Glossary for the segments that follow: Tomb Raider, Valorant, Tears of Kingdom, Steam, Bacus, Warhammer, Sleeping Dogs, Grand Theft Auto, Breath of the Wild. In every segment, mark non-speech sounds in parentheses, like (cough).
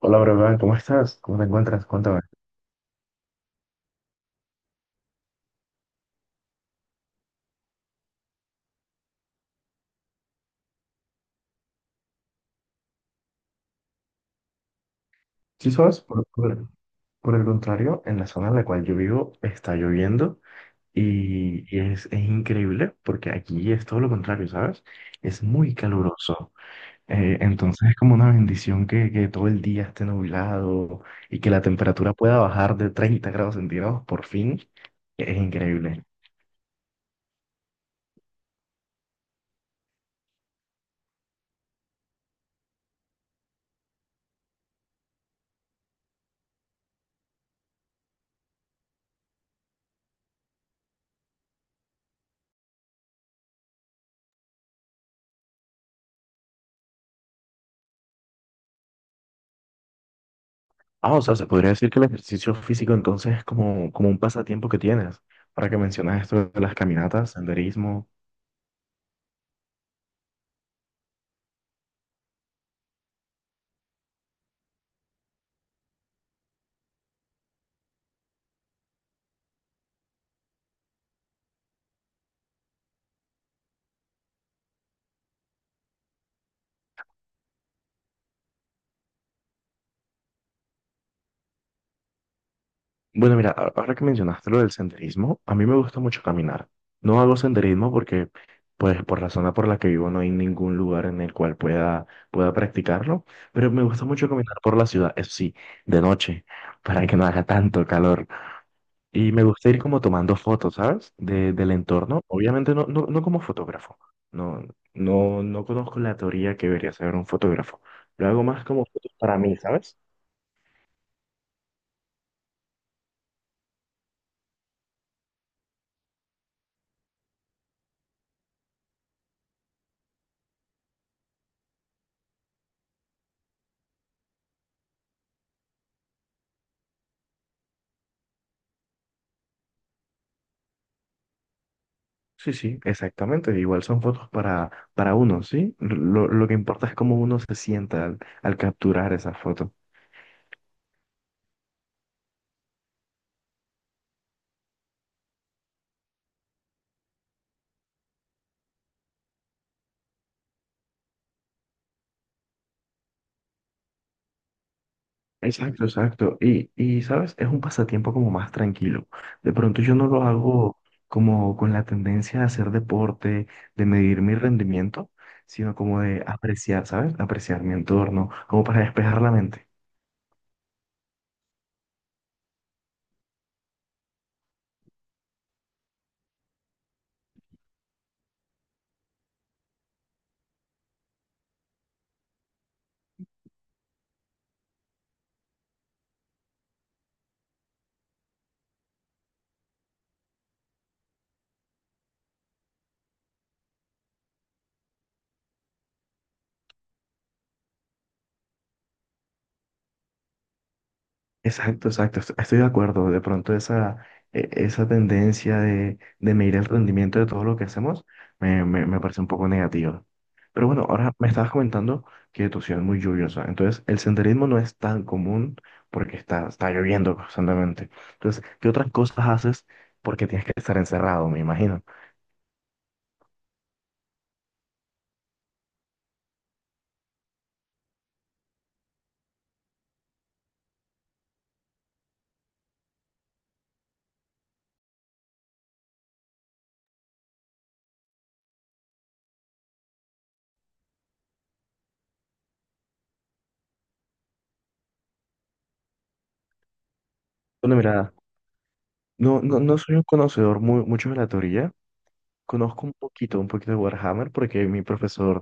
Hola, Brogan, ¿cómo estás? ¿Cómo te encuentras? Cuéntame. Sí, sabes, por el contrario, en la zona en la cual yo vivo está lloviendo y, es increíble porque aquí es todo lo contrario, ¿sabes? Es muy caluroso. Entonces es como una bendición que todo el día esté nublado y que la temperatura pueda bajar de 30 °C por fin. Es increíble. Ah, o sea, se podría decir que el ejercicio físico entonces es como, como un pasatiempo que tienes. Ahora que mencionas esto de las caminatas, senderismo. Bueno, mira, ahora que mencionaste lo del senderismo, a mí me gusta mucho caminar. No hago senderismo porque, pues, por la zona por la que vivo no hay ningún lugar en el cual pueda practicarlo, pero me gusta mucho caminar por la ciudad, eso sí, de noche, para que no haga tanto calor. Y me gusta ir como tomando fotos, ¿sabes? De, del entorno. Obviamente no como fotógrafo. No, no conozco la teoría que debería saber un fotógrafo. Lo hago más como fotos para mí, ¿sabes? Sí, sí, exactamente. Igual son fotos para uno, ¿sí? Lo que importa es cómo uno se sienta al, al capturar esa foto. Exacto, exacto. Y, ¿sabes? Es un pasatiempo como más tranquilo. De pronto yo no lo hago como con la tendencia a hacer deporte, de medir mi rendimiento, sino como de apreciar, ¿sabes? Apreciar mi entorno, como para despejar la mente. Exacto, exacto. Estoy de acuerdo. De pronto esa, esa tendencia de medir el rendimiento de todo lo que hacemos me parece un poco negativa. Pero bueno, ahora me estabas comentando que tu ciudad es muy lluviosa. Entonces, el senderismo no es tan común porque está lloviendo constantemente. Entonces, ¿qué otras cosas haces? Porque tienes que estar encerrado, me imagino. Bueno, mira, no soy un conocedor mucho de la teoría. Conozco un poquito de Warhammer porque mi profesor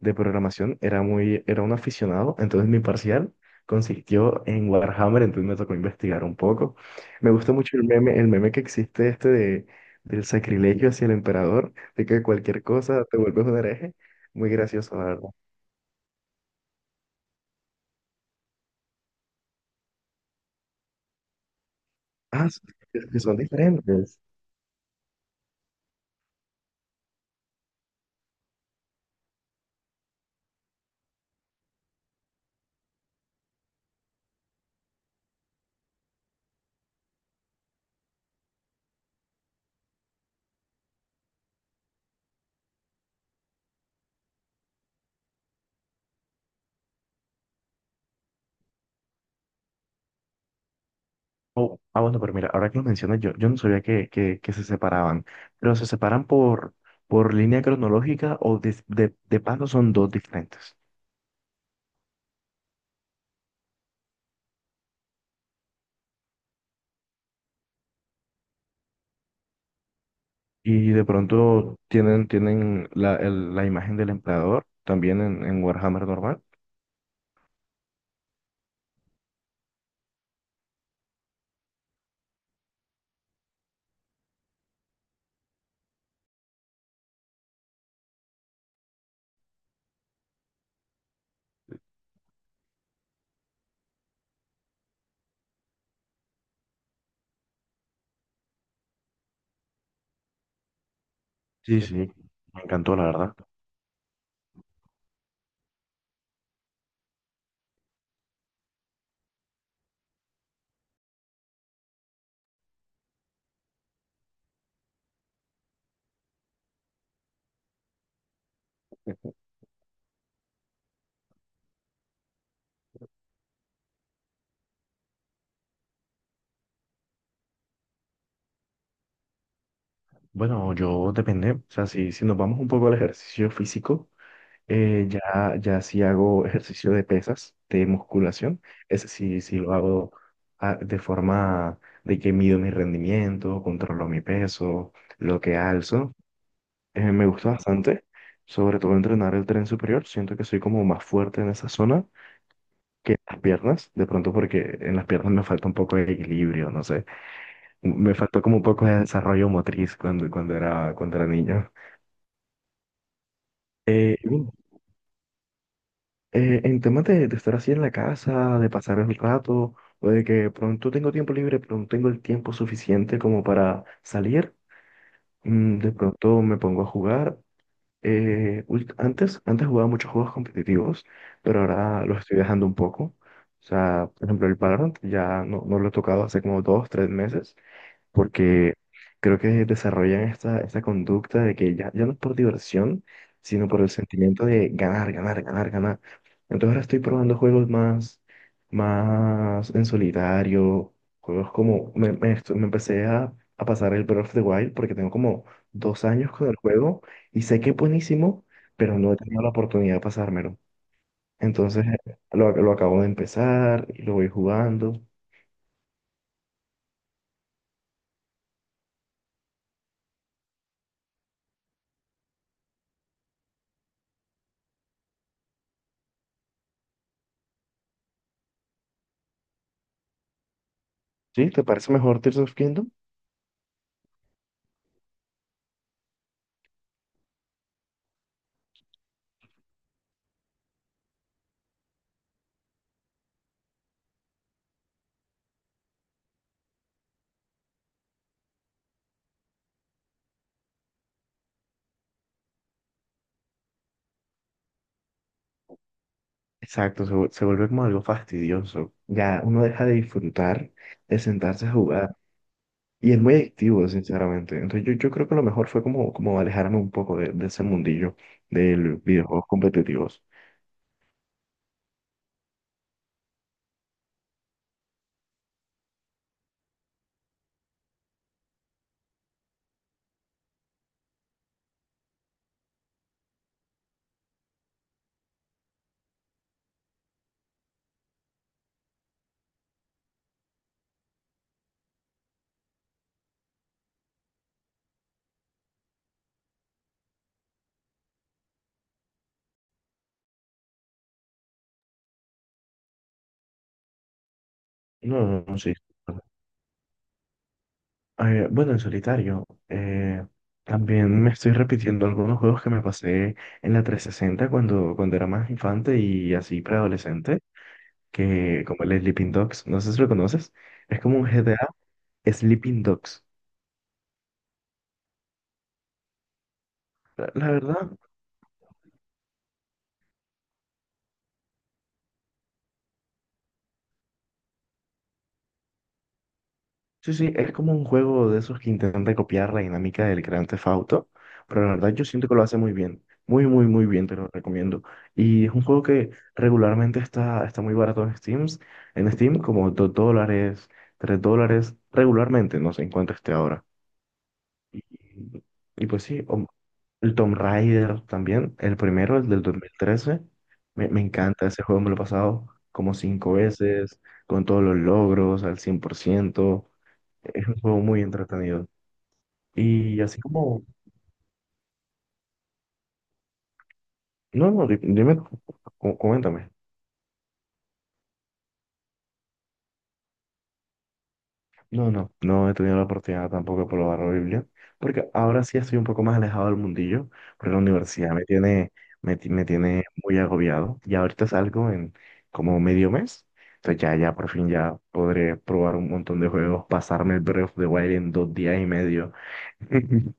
de programación era muy, era un aficionado, entonces mi parcial consistió en Warhammer, entonces me tocó investigar un poco. Me gusta mucho el meme que existe este de, del sacrilegio hacia el emperador, de que cualquier cosa te vuelves un hereje. Muy gracioso, la verdad. Ah, s- es que son diferentes. Oh, ah, bueno, pero mira, ahora que lo mencionas, yo no sabía que, que se separaban, pero se separan por línea cronológica o de, de paso son dos diferentes. Y de pronto tienen, tienen la, la imagen del empleador también en Warhammer normal. Sí, sí, sí, me encantó, la verdad. Bueno, yo depende, o sea, si, si nos vamos un poco al ejercicio físico, ya sí hago (laughs) ejercicio de pesas, de musculación, ese sí, sí lo hago ah, de forma de que mido mi rendimiento, controlo mi peso, lo que alzo. Me gusta bastante, sobre todo entrenar el tren superior, siento que soy como más fuerte en esa zona que las piernas, de pronto porque en las piernas me falta un poco de equilibrio, no sé, me faltó como un poco de desarrollo motriz cuando, cuando era niño. Y bueno, en temas de estar así en la casa, de pasar el rato, o de que pronto tengo tiempo libre, pero no tengo el tiempo suficiente como para salir, de pronto me pongo a jugar. Antes jugaba muchos juegos competitivos, pero ahora los estoy dejando un poco. O sea, por ejemplo, el Valorant ya no lo he tocado hace como 2, 3 meses. Porque creo que desarrollan esta, esta conducta de que ya, ya no es por diversión, sino por el sentimiento de ganar, ganar, ganar, ganar. Entonces ahora estoy probando más en solitario, juegos como, me empecé a pasar el Breath of the Wild porque tengo como 2 años con el juego y sé que es buenísimo, pero no he tenido la oportunidad de pasármelo. Entonces lo acabo de empezar y lo voy jugando. ¿Sí? ¿Te parece mejor Tears of Kingdom? Exacto, se vuelve como algo fastidioso. Ya uno deja de disfrutar, de sentarse a jugar. Y es muy adictivo, sinceramente. Entonces yo creo que lo mejor fue como, como alejarme un poco de ese mundillo de los videojuegos competitivos. No, no, no, sí. Bueno, en solitario, también me estoy repitiendo algunos juegos que me pasé en la 360 cuando, cuando era más infante y así preadolescente, que como el Sleeping Dogs, no sé si lo conoces, es como un GTA Sleeping Dogs. La verdad, sí, sí, es como un juego de esos que intenta copiar la dinámica del Grand Theft Auto, pero la verdad yo siento que lo hace muy bien, muy, muy, muy bien, te lo recomiendo. Y es un juego que regularmente está muy barato en Steam como 2 dólares, 3 dólares, regularmente, no sé en cuánto esté ahora. Y, y pues sí, o- el Tomb Raider también, el primero, el del 2013 me, me encanta ese juego, me lo he pasado como 5 veces, con todos los logros al 100%, es un juego muy entretenido. Y así como... No, no, di- dime, coméntame. No, no, no he tenido la oportunidad tampoco de probar la Biblia, porque ahora sí estoy un poco más alejado del mundillo, porque la universidad me tiene, me tiene muy agobiado. Y ahorita salgo en como medio mes, entonces ya, ya por fin ya podré probar un montón de juegos, pasarme el Breath of the Wild en 2 días y medio. (laughs)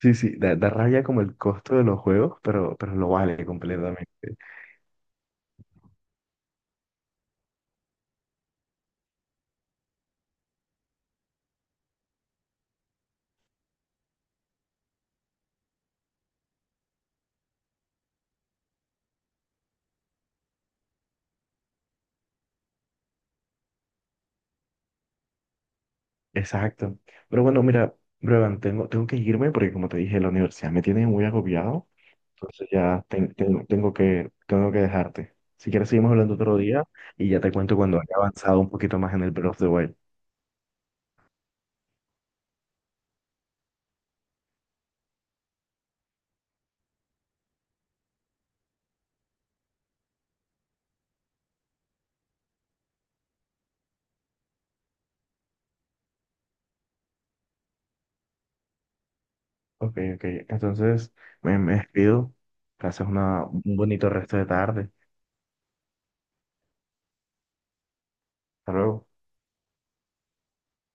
Sí, sí, da, da rabia como el costo de los juegos, pero lo vale completamente. Exacto. Pero bueno, mira, Brevan, tengo, tengo que irme porque como te dije, la universidad me tiene muy agobiado. Entonces ya tengo que dejarte. Si quieres, seguimos hablando otro día y ya te cuento cuando haya avanzado un poquito más en el Breath of the Wild. Ok, ok. Entonces, me despido. Gracias, un bonito resto de tarde. Hasta luego.